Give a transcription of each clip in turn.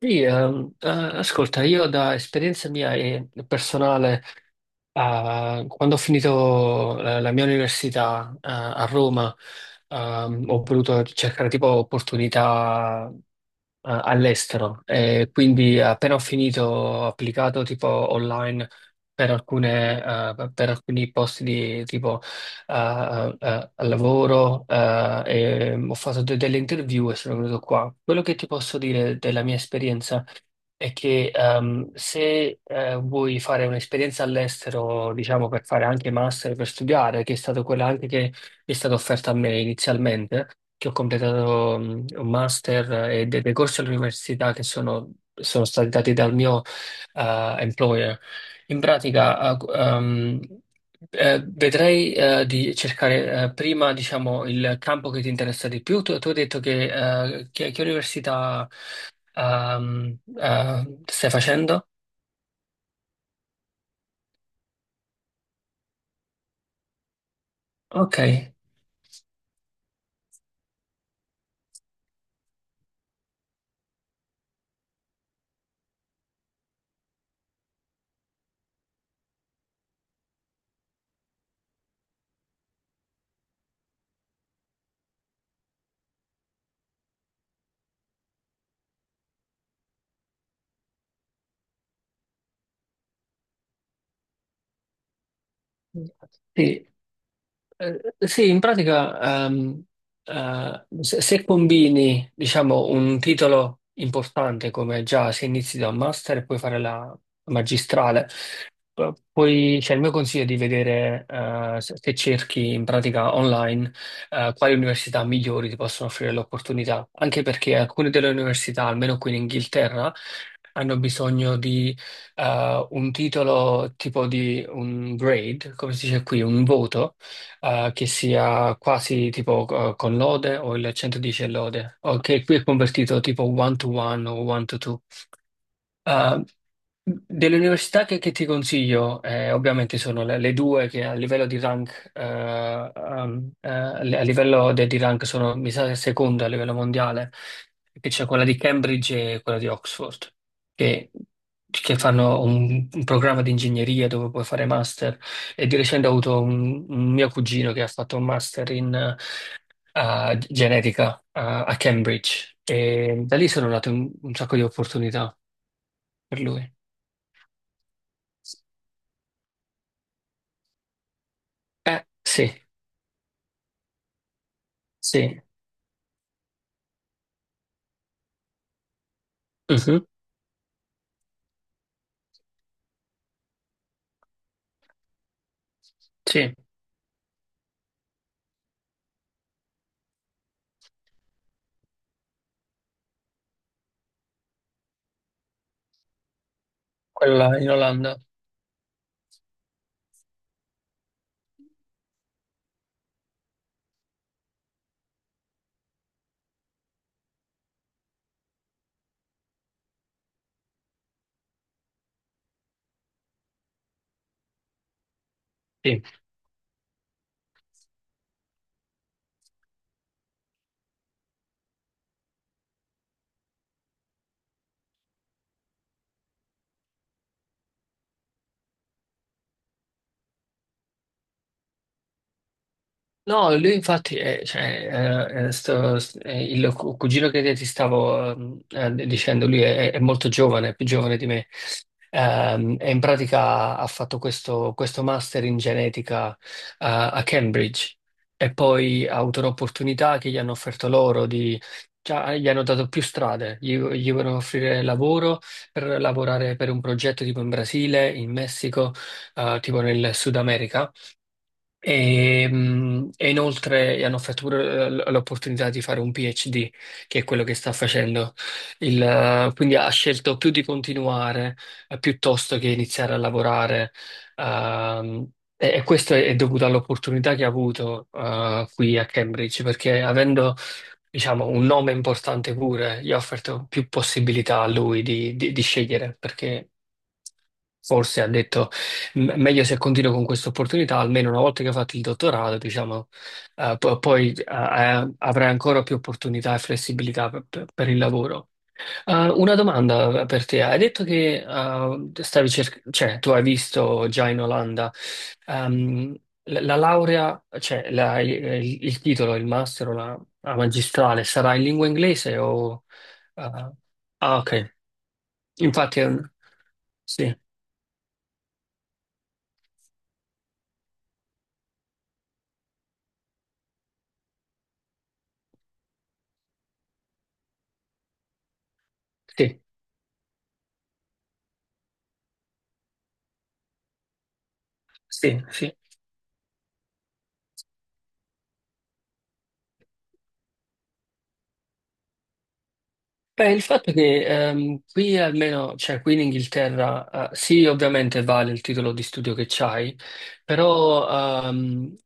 Sì, ascolta, io da esperienza mia e personale, quando ho finito la mia università, a Roma, ho voluto cercare tipo opportunità all'estero e quindi appena ho finito ho applicato tipo online per alcuni posti di tipo al lavoro, e ho fatto delle interview e sono venuto qua. Quello che ti posso dire della mia esperienza è che se vuoi fare un'esperienza all'estero, diciamo per fare anche master, per studiare, che è stata quella anche che è stata offerta a me inizialmente, che ho completato un master, e dei corsi all'università che sono stati dati dal mio employer. In pratica, vedrei di cercare, prima, diciamo, il campo che ti interessa di più. Tu hai detto che università stai facendo? Ok. Sì. Eh, sì, in pratica, se combini, diciamo, un titolo importante come già se inizi da un master e puoi fare la magistrale, poi c'è il mio consiglio è di vedere, se cerchi in pratica online, quali università migliori ti possono offrire l'opportunità, anche perché alcune delle università, almeno qui in Inghilterra, hanno bisogno di un titolo tipo di un grade, come si dice qui, un voto che sia quasi tipo con lode o il 110 e lode, o che qui è convertito tipo one to one o one to two. Ah, delle università che ti consiglio, ovviamente sono le due che a livello di rank, a livello di rank sono, mi sa, seconda a livello mondiale, che c'è quella di Cambridge e quella di Oxford, che, che fanno un programma di ingegneria dove puoi fare master. E di recente ho avuto un mio cugino che ha fatto un master in genetica, a Cambridge. E da lì sono nate un sacco di opportunità per lui. Sì, sì, mhm, sì, quella in Olanda, sì. No, lui infatti è, cioè, il cugino che ti stavo dicendo, lui è molto giovane, è più giovane di me, E in pratica ha fatto questo master in genetica, a Cambridge e poi ha avuto un'opportunità che gli hanno offerto loro di, cioè, gli hanno dato più strade, gli vogliono offrire lavoro per lavorare per un progetto tipo in Brasile, in Messico, tipo nel Sud America. E inoltre gli hanno offerto pure l'opportunità di fare un PhD, che è quello che sta facendo. Quindi ha scelto più di continuare, piuttosto che iniziare a lavorare. ehm, e questo è dovuto all'opportunità che ha avuto qui a Cambridge, perché avendo, diciamo, un nome importante pure, gli ha offerto più possibilità a lui di di scegliere, perché forse ha detto. Meglio se continuo con questa opportunità, almeno una volta che ho fatto il dottorato, diciamo, po- poi avrai ancora più opportunità e flessibilità per il lavoro. Una domanda, per te. Hai detto che cioè, tu hai visto già in Olanda, ehm, la laurea, cioè il titolo, il master o la magistrale sarà in lingua inglese o. eh, ok. Infatti, sì, sì, sì, sì. Beh, il fatto è che qui almeno, cioè qui in Inghilterra, sì, ovviamente vale il titolo di studio che c'hai, però ehm,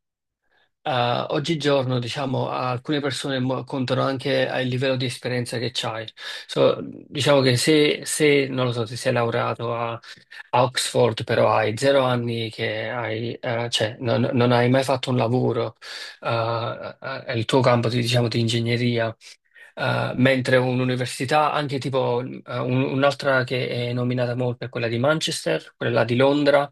eh, oggigiorno, diciamo, alcune persone contano anche al livello di esperienza che c'hai. So, diciamo che se, se, non lo so, se sei laureato a Oxford, però hai zero anni che hai, cioè, non hai mai fatto un lavoro, il tuo campo, diciamo, di ingegneria, mentre un'università, anche tipo un'altra che è nominata molto è quella di Manchester, quella di Londra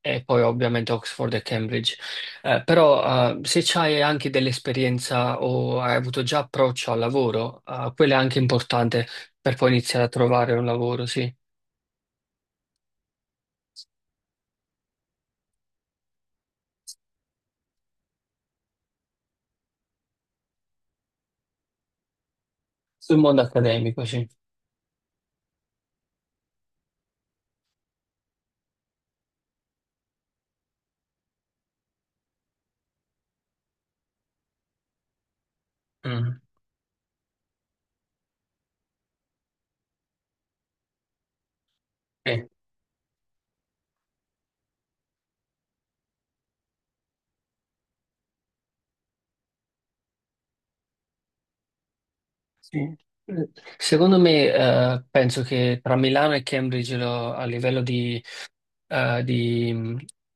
e poi ovviamente Oxford e Cambridge. Però se c'hai anche dell'esperienza o hai avuto già approccio al lavoro, quello è anche importante per poi iniziare a trovare un lavoro, sì. Sul mondo accademico, sì. Mm, sì, sì. Secondo me, penso che tra Milano e Cambridge a livello di eh, di,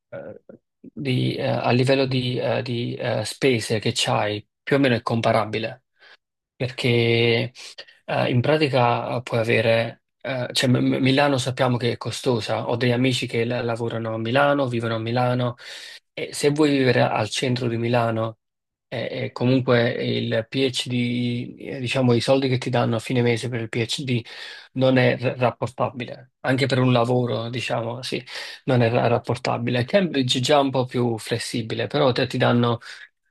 eh, a livello di spese che c'hai, più o meno è comparabile perché in pratica puoi avere, cioè Milano sappiamo che è costosa, ho degli amici che lavorano a Milano, vivono a Milano e se vuoi vivere al centro di Milano e comunque il PhD, diciamo i soldi che ti danno a fine mese per il PhD non è rapportabile, anche per un lavoro, diciamo, sì, non è rapportabile. Cambridge è già un po' più flessibile, però te ti danno.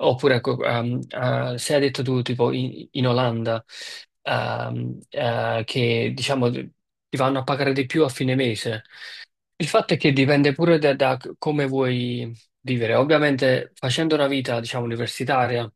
Oppure, ecco, se hai detto tu, tipo in Olanda, che diciamo ti vanno a pagare di più a fine mese. Il fatto è che dipende pure da come vuoi vivere. Ovviamente, facendo una vita, diciamo, universitaria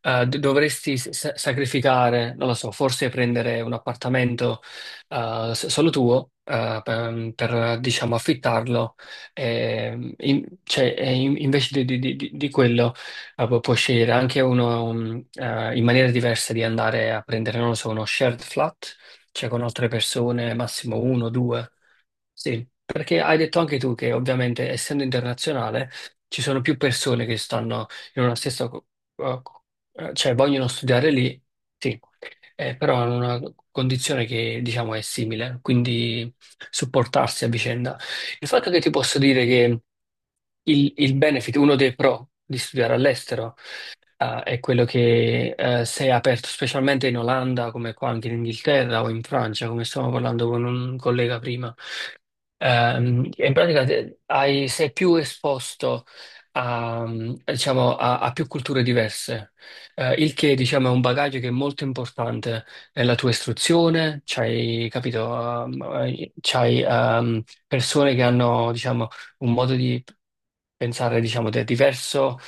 eh, dovresti sacrificare, non lo so, forse prendere un appartamento, solo tuo per, diciamo, affittarlo, e, invece di quello puoi scegliere anche uno, in maniera diversa di andare a prendere, non lo so, uno shared flat, cioè con altre persone, massimo uno, due. Sì, perché hai detto anche tu che ovviamente essendo internazionale ci sono più persone che stanno in una stessa. Cioè vogliono studiare lì, sì, però hanno una condizione che diciamo è simile, quindi supportarsi a vicenda. Il fatto che ti posso dire che il benefit, uno dei pro di studiare all'estero, è quello che se è aperto specialmente in Olanda, come qua anche in Inghilterra o in Francia, come stavamo parlando con un collega prima. In pratica sei più esposto diciamo, a più culture diverse, il che diciamo, è un bagaglio che è molto importante nella tua istruzione, c'hai, capito, c'hai persone che hanno diciamo, un modo di pensare diciamo, diverso.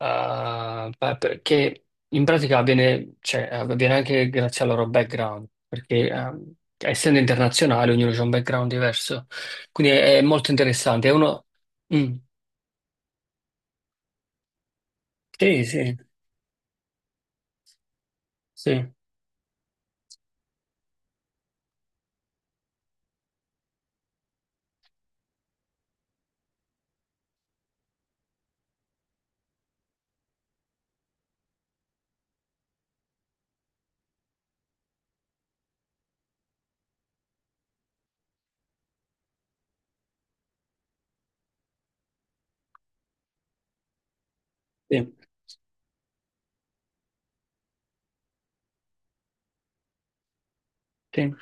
Ah, beh, perché in pratica avviene, cioè, avviene anche grazie al loro background, perché essendo internazionale ognuno ha un background diverso, quindi è molto interessante. È uno. Mm, sì, sì, sì, sì, sì,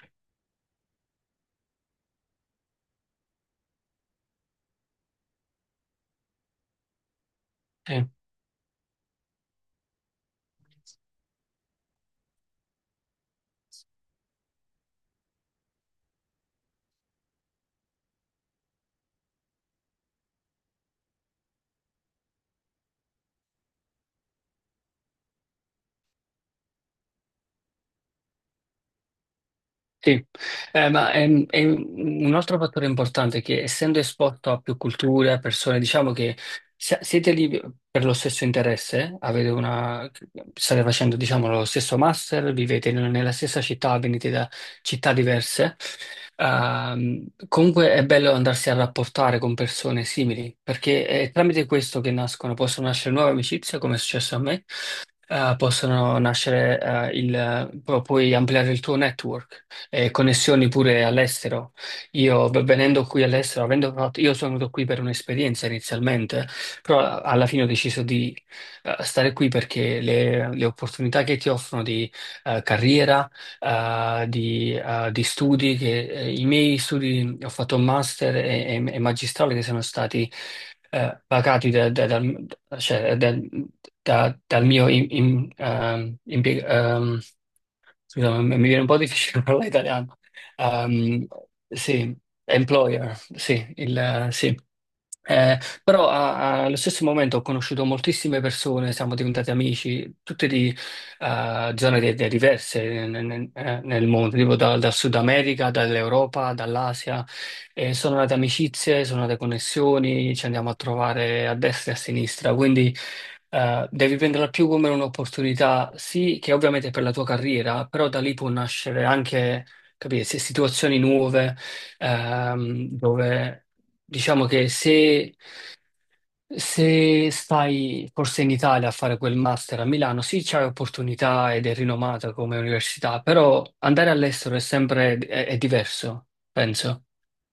sì. Sì, ma è un altro fattore importante è che essendo esposto a più culture, a persone, diciamo che siete lì per lo stesso interesse, avete una, state facendo, diciamo, lo stesso master, vivete nella stessa città, venite da città diverse, comunque è bello andarsi a rapportare con persone simili, perché è tramite questo che nascono, possono nascere nuove amicizie, come è successo a me, possono nascere, il, pu- puoi ampliare il tuo network e connessioni pure all'estero. Io venendo qui all'estero, avendo fatto, io sono venuto qui per un'esperienza inizialmente, però alla fine ho deciso di stare qui perché le opportunità che ti offrono di carriera di studi che i miei studi, ho fatto un master e magistrale che sono stati pagati da- da- dal, cioè, da- da- dal mio Scusa, ma mi viene un po' difficile parlare italiano. Ehm, sì, employer, sì, il, sì. Eh, però allo stesso momento ho conosciuto moltissime persone, siamo diventati amici, tutte di zone diverse nel mondo, tipo dal Sud America, dall'Europa, dall'Asia. E sono nate amicizie, sono nate connessioni, ci andiamo a trovare a destra e a sinistra. Quindi devi prenderla più come un'opportunità, sì, che ovviamente è per la tua carriera, però da lì può nascere anche, capire, se situazioni nuove, dove diciamo che se stai forse in Italia a fare quel master a Milano, sì, c'è opportunità ed è rinomata come università, però andare all'estero è sempre è diverso, penso,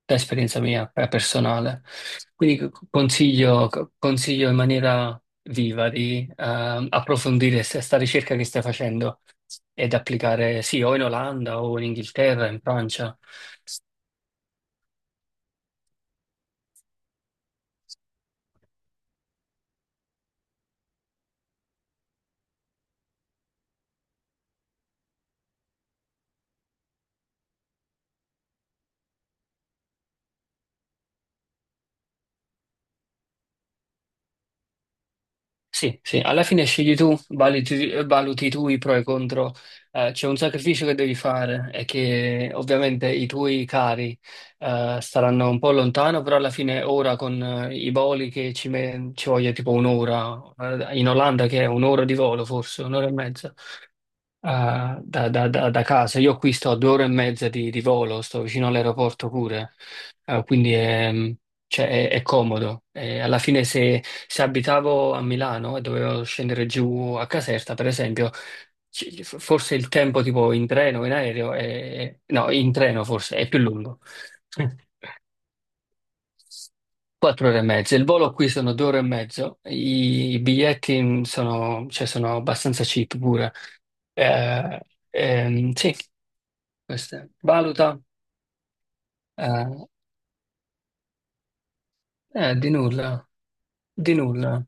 da esperienza mia personale. Quindi consiglio in maniera viva di approfondire questa ricerca che stai facendo ed applicare, sì, o in Olanda o in Inghilterra, in Francia. Sì, sì, alla fine scegli tu, valuti tu i pro e i contro. C'è un sacrificio che devi fare e che ovviamente i tuoi cari, staranno un po' lontano, però alla fine ora con, i voli che ci voglia tipo un'ora, in Olanda che è un'ora di volo forse, un'ora e mezza, Ah, da casa. Io qui sto a 2 ore e mezza di volo, sto vicino all'aeroporto pure, Ah, quindi è, cioè, è comodo. E alla fine se abitavo a Milano e dovevo scendere giù a Caserta, per esempio, forse il tempo tipo in treno, in aereo, no, in treno forse è più lungo. 4 ore e mezza. Il volo qui sono 2 ore e mezzo. I biglietti sono, cioè, sono abbastanza cheap pure. Eh, sì. Questa valuta. Eh, eh, di nulla, di nulla.